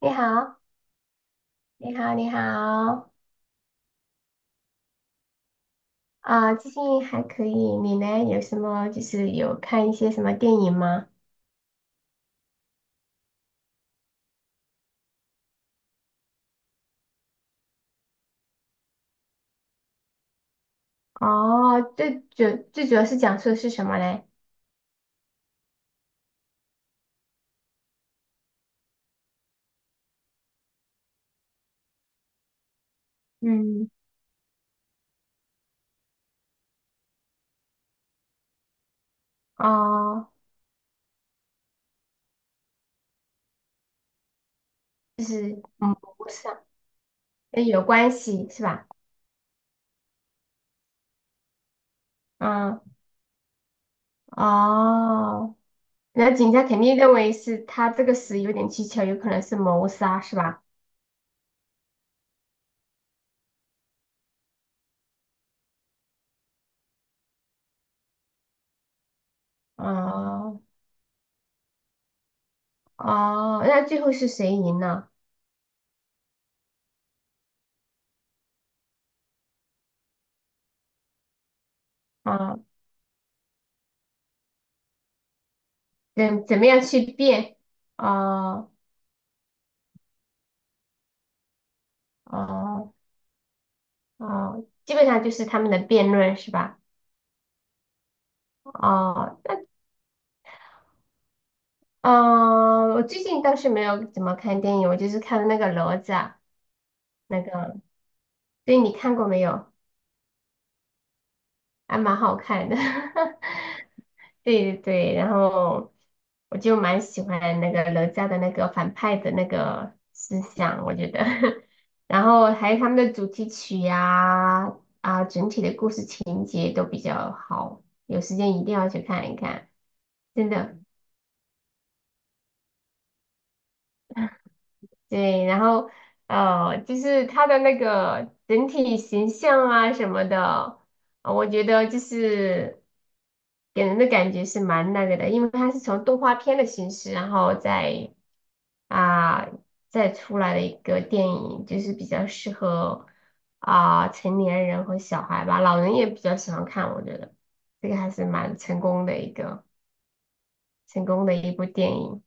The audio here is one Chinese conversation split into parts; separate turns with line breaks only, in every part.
你好，你好，你好啊，最近还可以，你呢？有什么就是有看一些什么电影吗？哦，最主要是讲述的是什么嘞？嗯，哦，就是不是啊，跟有关系是吧？嗯，哦，那警察肯定认为是他这个死有点蹊跷，有可能是谋杀是吧？哦哦，那最后是谁赢了？啊，怎么样去辩？哦哦。哦，基本上就是他们的辩论是吧？哦，嗯、我最近倒是没有怎么看电影，我就是看了那个哪吒，那个，对你看过没有？还蛮好看的，对对对，然后我就蛮喜欢那个哪吒的那个反派的那个思想，我觉得，然后还有他们的主题曲呀、啊，整体的故事情节都比较好，有时间一定要去看一看，真的。对，然后就是他的那个整体形象啊什么的，我觉得就是给人的感觉是蛮那个的，因为他是从动画片的形式，然后啊、再出来的一个电影，就是比较适合成年人和小孩吧，老人也比较喜欢看，我觉得这个还是蛮成功的一部电影。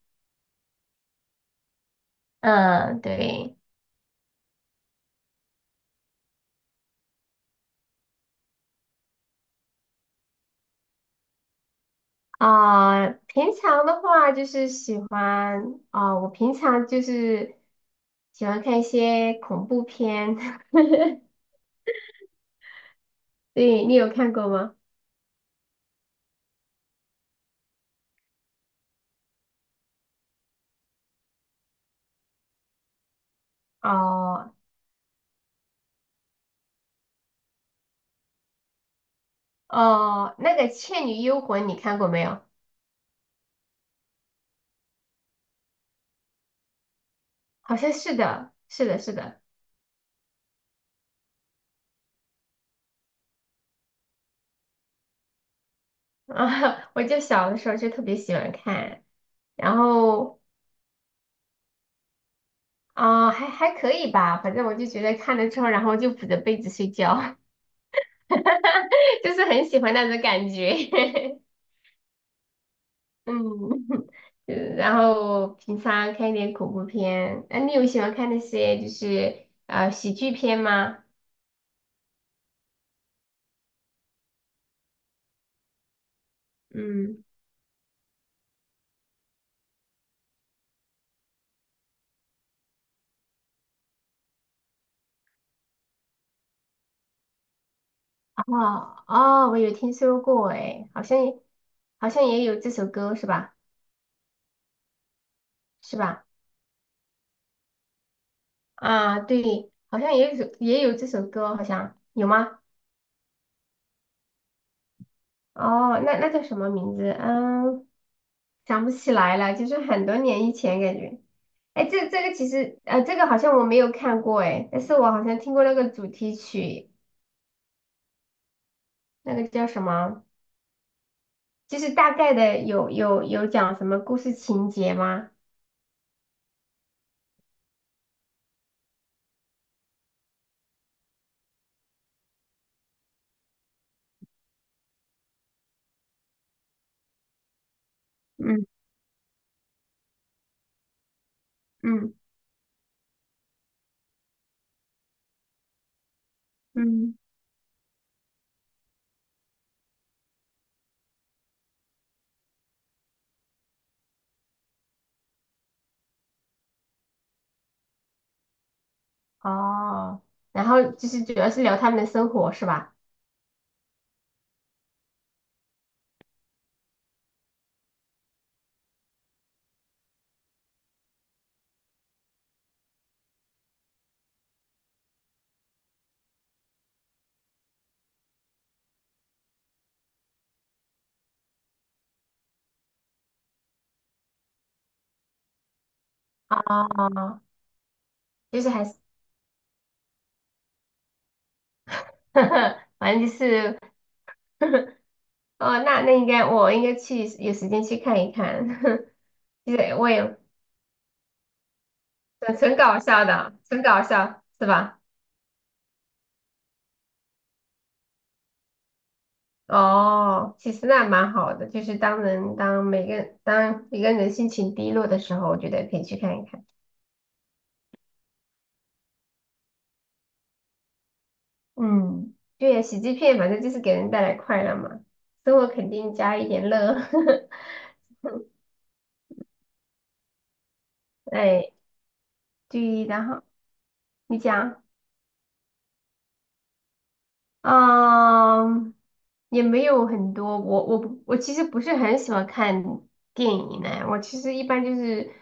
嗯，对。啊、平常的话就是喜欢啊、我平常就是喜欢看一些恐怖片，对，你有看过吗？哦哦，那个《倩女幽魂》你看过没有？好像是的，是的，是的，啊，我就小的时候就特别喜欢看，然后还可以吧，反正我就觉得看了之后，然后就捂着被子睡觉，就是很喜欢那种感觉。嗯，嗯然后平常看一点恐怖片。那你有喜欢看那些就是喜剧片吗？嗯，哦哦，我有听说过诶，好像也有这首歌是吧？是吧？啊，对，好像也有这首歌，好像有吗？哦，那叫什么名字？嗯，想不起来了，就是很多年以前感觉。哎，这个其实这个好像我没有看过诶，但是我好像听过那个主题曲。那个叫什么？就是大概的有讲什么故事情节吗？嗯嗯嗯，哦，然后就是主要是聊他们的生活是吧？哦，就是还是，反正就是，哦，那我应该去有时间去看一看，就是我也很搞笑的，很搞笑是吧？哦，其实那蛮好的，就是当人当每个当一个人心情低落的时候，我觉得可以去看一看。嗯，对呀，喜剧片反正就是给人带来快乐嘛，生活肯定加一点乐。哎，对，然后你讲，嗯，也没有很多，我其实不是很喜欢看电影呢，我其实一般就是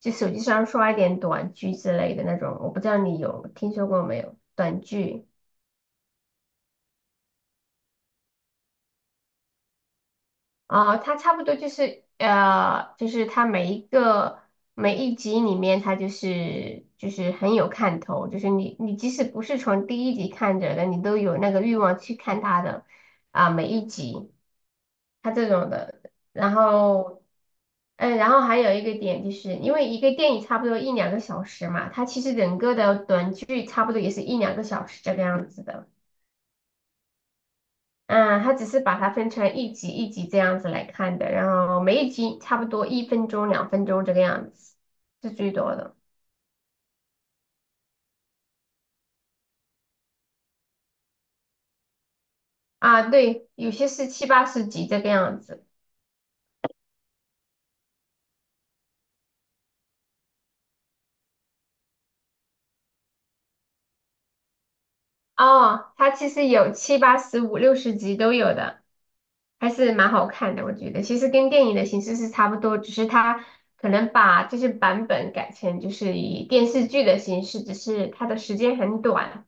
就手机上刷一点短剧之类的那种，我不知道你有听说过没有，短剧。啊，它差不多就是就是它每一集里面，它就是很有看头，就是你即使不是从第一集看着的，你都有那个欲望去看它的每一集，它这种的。然后，然后还有一个点就是，因为一个电影差不多一两个小时嘛，它其实整个的短剧差不多也是一两个小时这个样子的。嗯，它只是把它分成一集一集这样子来看的，然后每一集差不多一分钟、两分钟这个样子，是最多的啊。对，有些是七八十集这个样子。哦，它其实有七八十、五六十集都有的，还是蛮好看的，我觉得。其实跟电影的形式是差不多，只是它可能把这些版本改成就是以电视剧的形式，只是它的时间很短。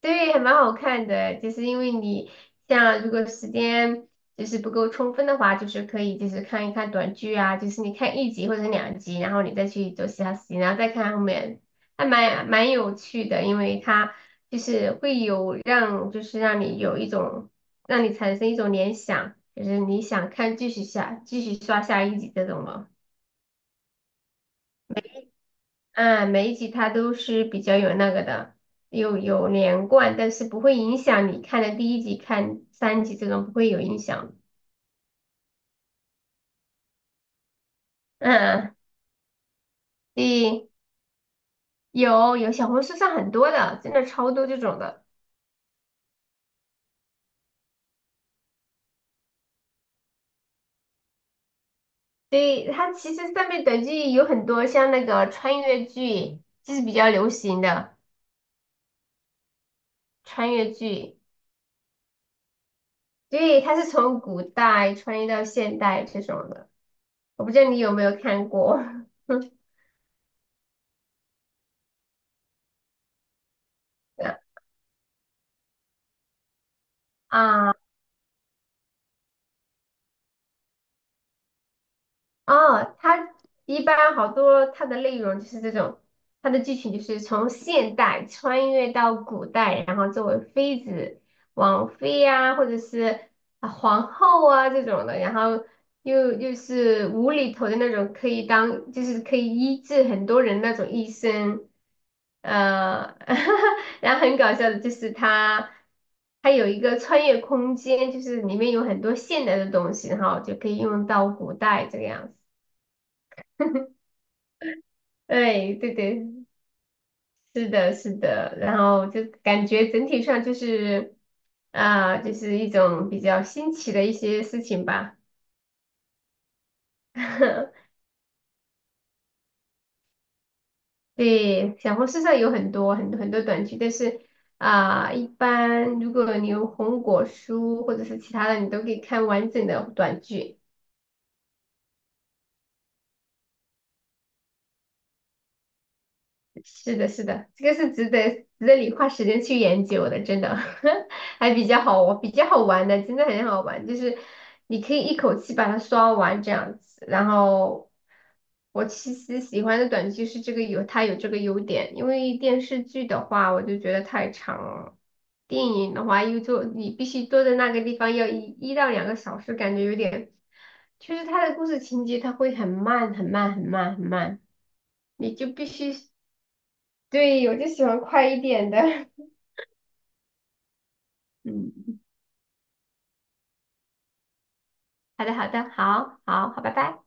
对，还蛮好看的，就是因为你像如果时间就是不够充分的话，就是可以就是看一看短剧啊，就是你看一集或者两集，然后你再去做其他事情，然后再看后面，还蛮有趣的，因为它就是会有让就是让你有一种让你产生一种联想，就是你想看继续刷下一集这种了。嗯，每一集它都是比较有那个的，有连贯，但是不会影响你看的第一集、看三集这种不会有影响。嗯，对，有小红书上很多的，真的超多这种的。对，它其实上面短剧有很多，像那个穿越剧，就是比较流行的穿越剧。对，它是从古代穿越到现代这种的，我不知道你有没有看过。啊哦，它一般好多它的内容就是这种，它的剧情就是从现代穿越到古代，然后作为妃子、王妃呀、或者是皇后啊这种的，然后又是无厘头的那种，可以当就是可以医治很多人那种医生，呃，然后很搞笑的就是它。它有一个穿越空间，就是里面有很多现代的东西，然后就可以用到古代这个样子。对对对，是的，是的，然后就感觉整体上就是一种比较新奇的一些事情吧。对，小红书上有很多很多很多短剧，但是一般如果你有红果书或者是其他的，你都可以看完整的短剧。是的，是的，这个是值得你花时间去研究的，真的 还比较好玩，比较好玩的，真的很好玩。就是你可以一口气把它刷完这样子。然后我其实喜欢的短剧有这个优点，因为电视剧的话我就觉得太长了，电影的话你必须坐在那个地方要一到两个小时，感觉有点，就是它的故事情节它会很慢很慢很慢很慢，你就必须。对，我就喜欢快一点的。嗯，好的，好的，好，好，好，拜拜。